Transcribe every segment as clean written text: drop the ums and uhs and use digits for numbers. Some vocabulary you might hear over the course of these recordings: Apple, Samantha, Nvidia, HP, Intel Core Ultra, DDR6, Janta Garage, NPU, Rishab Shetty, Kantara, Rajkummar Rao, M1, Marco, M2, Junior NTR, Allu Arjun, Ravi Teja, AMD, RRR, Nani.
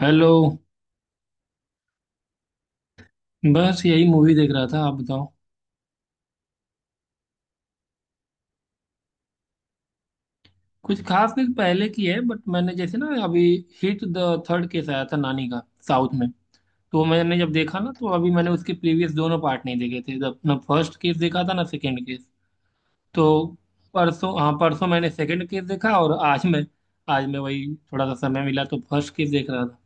Hello. बस यही movie देख रहा था। आप बताओ। कुछ खास नहीं, पहले की है बट मैंने जैसे ना अभी हिट द थर्ड केस आया था, नानी का, साउथ में। तो मैंने जब देखा ना तो अभी मैंने उसके प्रीवियस दोनों पार्ट नहीं देखे थे, जब ना फर्स्ट केस देखा था ना सेकंड केस। तो परसों, हाँ परसों मैंने सेकंड केस देखा। और आज मैं वही, थोड़ा सा समय मिला तो फर्स्ट केस देख रहा था।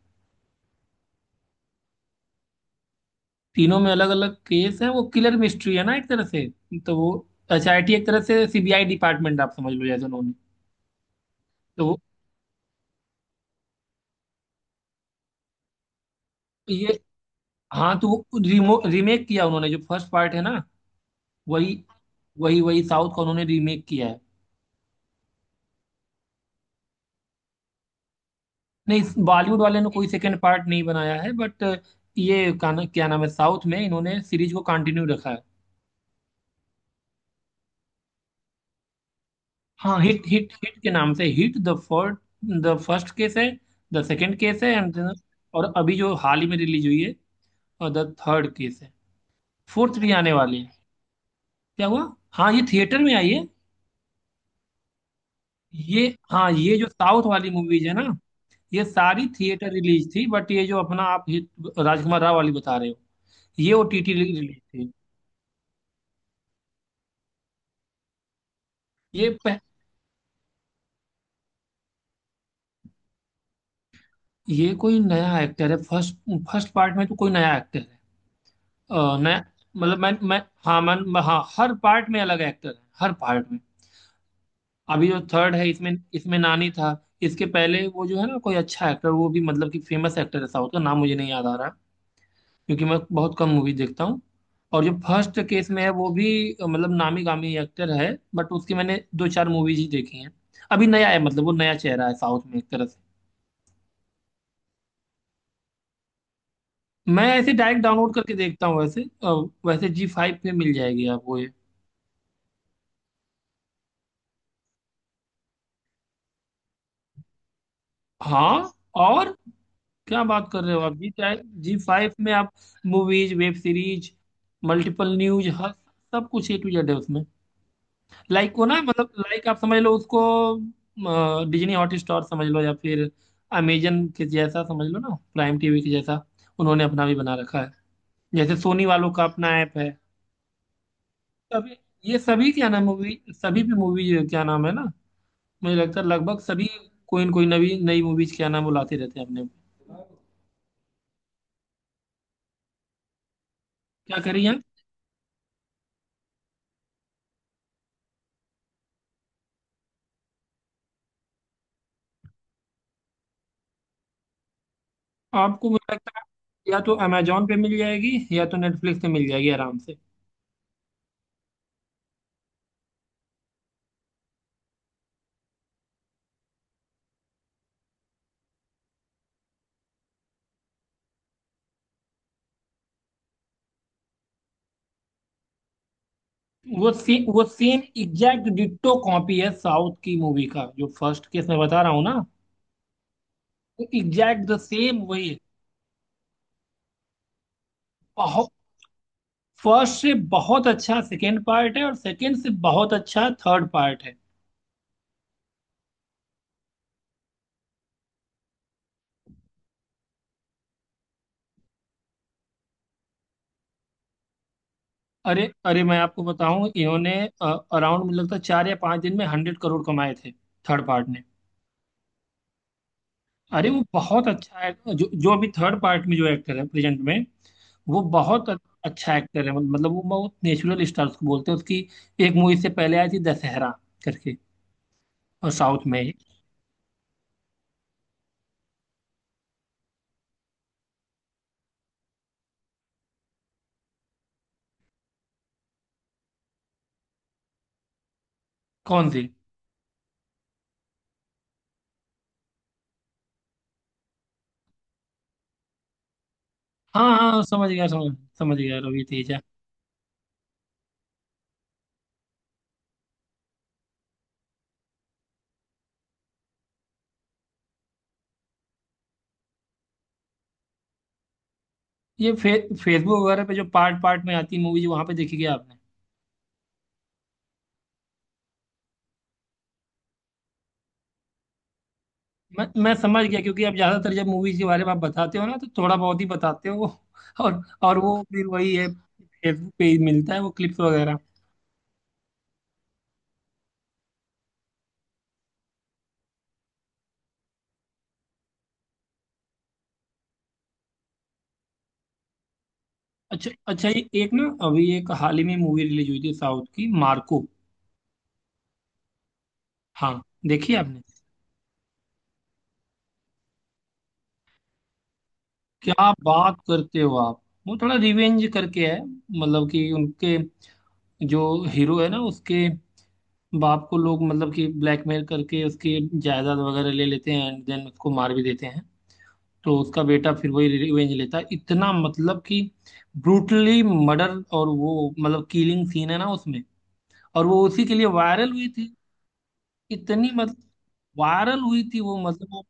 तीनों में अलग अलग केस है। वो किलर मिस्ट्री है ना एक तरह से, तो वो एसआईटी एक तरह से सीबीआई डिपार्टमेंट, आप समझ लो जैसे उन्होंने। तो वो ये हाँ, तो वो रिमो रीमेक किया उन्होंने जो फर्स्ट पार्ट है ना, वही वही वही साउथ का उन्होंने रीमेक किया है। नहीं, बॉलीवुड वाले ने कोई सेकंड पार्ट नहीं बनाया है बट ये का ना, क्या नाम है, साउथ में इन्होंने सीरीज को कंटिन्यू रखा है। हाँ, हिट हिट हिट के नाम से HIT the first, the first case है, द सेकंड केस है, एंड और अभी जो हाल ही में रिलीज हुई है और द थर्ड केस है। फोर्थ भी आने वाली है। क्या हुआ? हाँ, ये थिएटर में आई है। ये, हाँ, ये जो साउथ वाली मूवीज है ना, ये सारी थिएटर रिलीज थी। बट ये जो अपना आप हिट राजकुमार राव वाली बता रहे हो, ये ओटीटी रिलीज थी। ये पह, ये कोई नया एक्टर है। फर्स्ट फर्स्ट पार्ट में तो कोई नया एक्टर है, नया। मतलब मैं हाँ हर पार्ट में अलग एक्टर है, हर पार्ट में। अभी जो थर्ड है इसमें इसमें नानी था। इसके पहले वो, जो है ना कोई अच्छा एक्टर वो भी, मतलब कि फेमस एक्टर है साउथ का, नाम मुझे नहीं याद आ रहा है। क्योंकि मैं बहुत कम मूवी देखता हूँ। और जो फर्स्ट केस में है वो भी, मतलब नामी गामी एक्टर है, बट उसकी मैंने दो चार मूवीज ही देखी हैं। अभी नया है, मतलब वो नया चेहरा है साउथ में एक तरह से। मैं ऐसे डायरेक्ट डाउनलोड करके देखता हूँ वैसे वैसे जी फाइव पे मिल जाएगी आपको ये। हाँ और, क्या बात कर रहे हो आप जी। जी फाइव में आप movies, web series, multiple news, हर सब कुछ ए टू जेड है उसमें। लाइक को ना, मतलब लाइक आप समझ लो उसको, डिज्नी हॉटस्टार समझ लो या फिर अमेजन के जैसा समझ लो ना, प्राइम टीवी के जैसा। उन्होंने अपना भी बना रखा है, जैसे सोनी वालों का अपना ऐप है। सब, ये सभी क्या नाम मूवी सभी भी मूवी क्या नाम है ना, मुझे लगता है लगभग सभी कोई न कोई नवी नई मूवीज क्या नाम बुलाते रहते हैं अपने। क्या करिए। आपको मुझे लगता है या तो अमेजोन पे मिल जाएगी या तो नेटफ्लिक्स पे मिल जाएगी आराम से। वो सेम एग्जैक्ट डिट्टो कॉपी है साउथ की मूवी का, जो फर्स्ट केस मैं बता रहा हूँ ना, एग्जैक्ट द सेम वही है। बहुत, फर्स्ट से बहुत अच्छा सेकेंड पार्ट है और सेकेंड से बहुत अच्छा थर्ड पार्ट है। अरे अरे मैं आपको बताऊं, इन्होंने अराउंड, मुझे लगता है 4 या 5 दिन में 100 करोड़ कमाए थे, थर्ड पार्ट ने। अरे वो बहुत अच्छा है जो जो अभी थर्ड पार्ट में जो एक्टर है प्रेजेंट में। वो बहुत अ- अच्छा एक्टर है, मतलब वो बहुत नेचुरल स्टार उसको बोलते हैं। उसकी एक मूवी से पहले आई थी, दशहरा करके, और साउथ में ही। कौन सी? हाँ हाँ हाँ, समझ गया रवि तेजा। ये फे, फेसबुक वगैरह पे जो पार्ट पार्ट में आती मूवीज वहां पे देखी गया आपने? मैं समझ गया, क्योंकि आप ज्यादातर जब मूवीज के बारे में आप बताते हो ना तो थोड़ा बहुत ही बताते हो। और वो फिर वही है, फेसबुक पे ही मिलता है वो, क्लिप्स वगैरह। अच्छा अच्छा, ये एक ना अभी एक हाल ही में मूवी रिलीज हुई थी साउथ की, मार्को, हाँ। देखी आपने? क्या बात करते हो आप। वो थोड़ा रिवेंज करके है, मतलब कि उनके जो हीरो है ना उसके बाप को लोग मतलब कि ब्लैकमेल करके उसकी जायदाद वगैरह ले लेते हैं एंड देन उसको मार भी देते हैं। तो उसका बेटा फिर वही रिवेंज लेता है, इतना मतलब कि ब्रूटली मर्डर, और वो मतलब किलिंग सीन है ना उसमें, और वो उसी के लिए वायरल हुई थी। इतनी मतलब, वायरल हुई थी वो मतलब,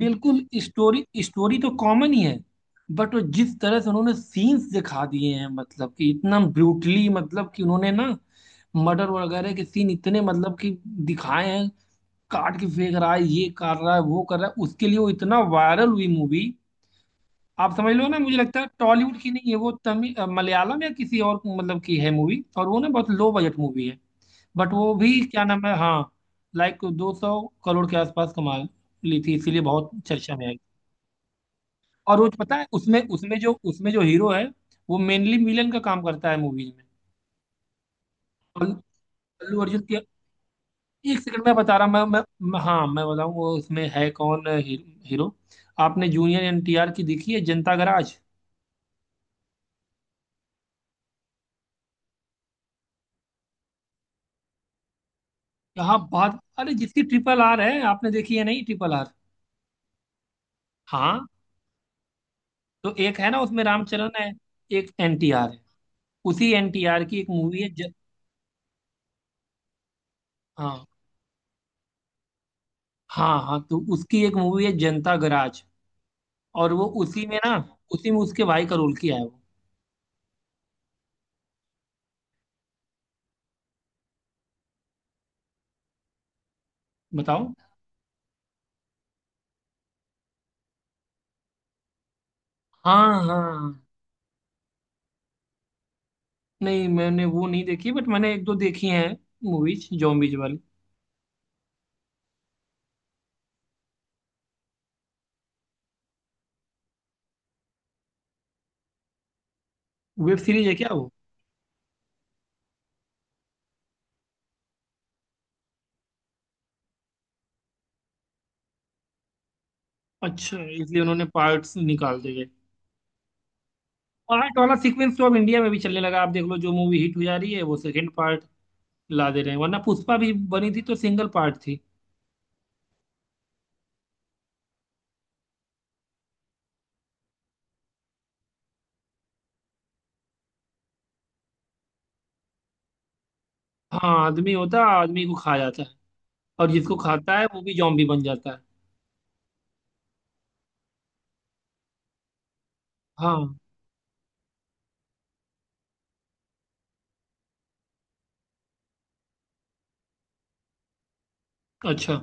बिल्कुल। स्टोरी स्टोरी तो कॉमन ही है, बट वो जिस तरह से उन्होंने सीन्स दिखा दिए हैं, मतलब कि इतना ब्रूटली, मतलब कि उन्होंने ना मर्डर वगैरह के सीन इतने मतलब कि दिखाए हैं, काट के फेंक रहा है, ये कर रहा है, वो कर रहा है, उसके लिए वो इतना वायरल हुई मूवी। आप समझ लो ना, मुझे लगता है टॉलीवुड की नहीं है वो, तमिल मलयालम या किसी और मतलब की है मूवी, और वो ना बहुत लो बजट मूवी है, बट वो भी क्या नाम है, हाँ, लाइक 200 करोड़ के आसपास कमा ली थी, इसीलिए बहुत चर्चा में आई। और वो पता है उसमें उसमें जो हीरो है वो मेनली विलन का काम करता है मूवीज में। अल्लू अल्लू अर्जुन के। एक सेकंड में बता रहा हूँ मैं, हाँ मैं बताऊँ वो उसमें है कौन हीरो, हीरो। आपने जूनियर एनटीआर की देखी है, जनता गराज? क्या बात! अरे जिसकी ट्रिपल आर है आपने देखी है, नहीं, ट्रिपल आर? हाँ। तो एक है ना उसमें रामचरण है, एक एनटीआर है, उसी एनटीआर की एक मूवी है ज...। हाँ हाँ हाँ, तो उसकी एक मूवी है जनता गराज। और वो उसी में ना उसी में उसके भाई का रोल किया है वो। बताओ। हाँ हाँ। नहीं, मैंने वो नहीं देखी बट मैंने एक दो देखी हैं मूवीज जॉम्बीज वाली। वेब सीरीज है क्या वो? अच्छा, इसलिए उन्होंने पार्ट्स निकाल दिए। पार्ट वाला सीक्वेंस तो अब इंडिया में भी चलने लगा, आप देख लो जो मूवी हिट हो जा रही है वो सेकंड पार्ट ला दे रहे हैं, वरना पुष्पा भी बनी थी तो सिंगल पार्ट थी। हाँ, आदमी होता है आदमी को खा जाता है, और जिसको खाता है वो भी जॉम्बी बन जाता है। हाँ। अच्छा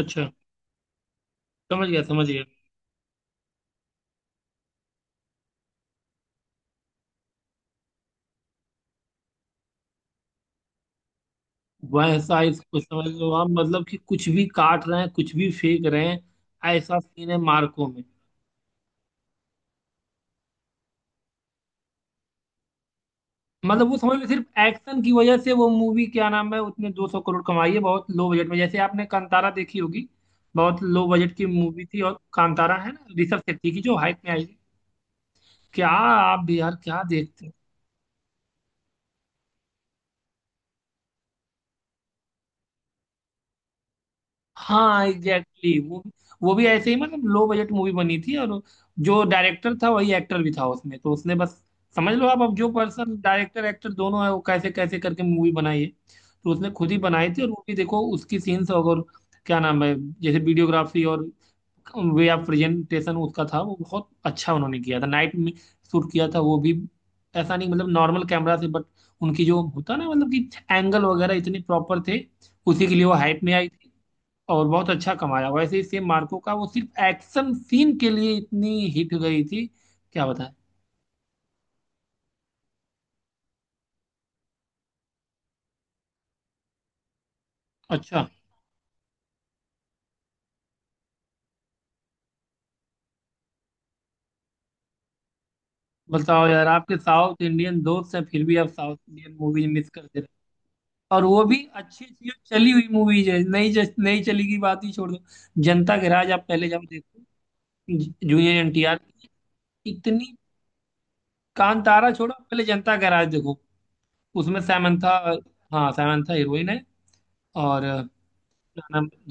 अच्छा, समझ गया। वैसा, इसको समझ लो आप, मतलब कि कुछ भी काट रहे हैं कुछ भी फेंक रहे हैं, ऐसा सीन है मार्को में। मतलब वो समझ लो, सिर्फ एक्शन की वजह से, वो मूवी क्या नाम है उसने 200 करोड़ कमाई है बहुत लो बजट में। जैसे आपने कांतारा देखी होगी, बहुत लो बजट की मूवी थी, और कांतारा है ना ऋषभ शेट्टी की जो हाइप में आई थी। क्या आप भी यार, क्या देखते। हाँ एग्जैक्टली, Exactly. वो भी ऐसे ही मतलब लो बजट मूवी बनी थी, और जो डायरेक्टर था वही एक्टर भी था उसमें, तो उसने बस, समझ लो आप, अब जो पर्सन डायरेक्टर एक्टर दोनों है वो कैसे कैसे करके मूवी बनाई है, तो उसने खुद ही बनाई थी। और वो भी देखो उसकी सीन्स और क्या नाम है, जैसे वीडियोग्राफी और वे ऑफ प्रेजेंटेशन उसका था वो बहुत अच्छा उन्होंने किया था। नाइट में शूट किया था वो भी, ऐसा नहीं, मतलब नॉर्मल कैमरा से, बट उनकी जो होता ना, मतलब कि एंगल वगैरह इतने प्रॉपर थे, उसी के लिए वो हाइप में आई थी और बहुत अच्छा कमाया। वैसे ही सेम मार्को का वो सिर्फ एक्शन सीन के लिए इतनी हिट गई थी। क्या बताएं। अच्छा, बताओ यार, आपके साउथ इंडियन दोस्त हैं फिर भी आप साउथ इंडियन मूवीज मिस करते रहे। और वो भी अच्छी अच्छी जो चली हुई मूवीज है, नहीं जस नहीं चली की बात ही छोड़ दो। जनता के राज आप पहले जाओ देखो, जूनियर एनटीआर। इतनी, कांतारा छोड़ो, पहले जनता के राज देखो। उसमें सैमंथा, हाँ सैमंथा हीरोइन है। और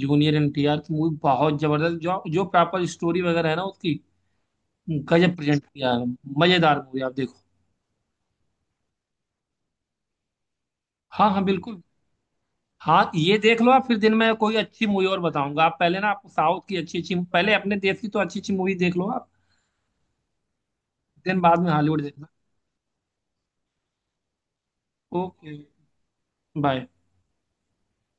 जूनियर एनटीआर की मूवी बहुत जबरदस्त, जो जो प्रॉपर स्टोरी वगैरह है ना उसकी गजब प्रेजेंट किया है। मजेदार मूवी, आप देखो। हाँ हाँ बिल्कुल। हाँ, ये देख लो आप, फिर दिन में कोई अच्छी मूवी और बताऊंगा। आप पहले ना, आपको साउथ की अच्छी अच्छी, पहले अपने देश की तो अच्छी अच्छी मूवी देख लो आप। दिन बाद में हॉलीवुड देखना। Okay bye.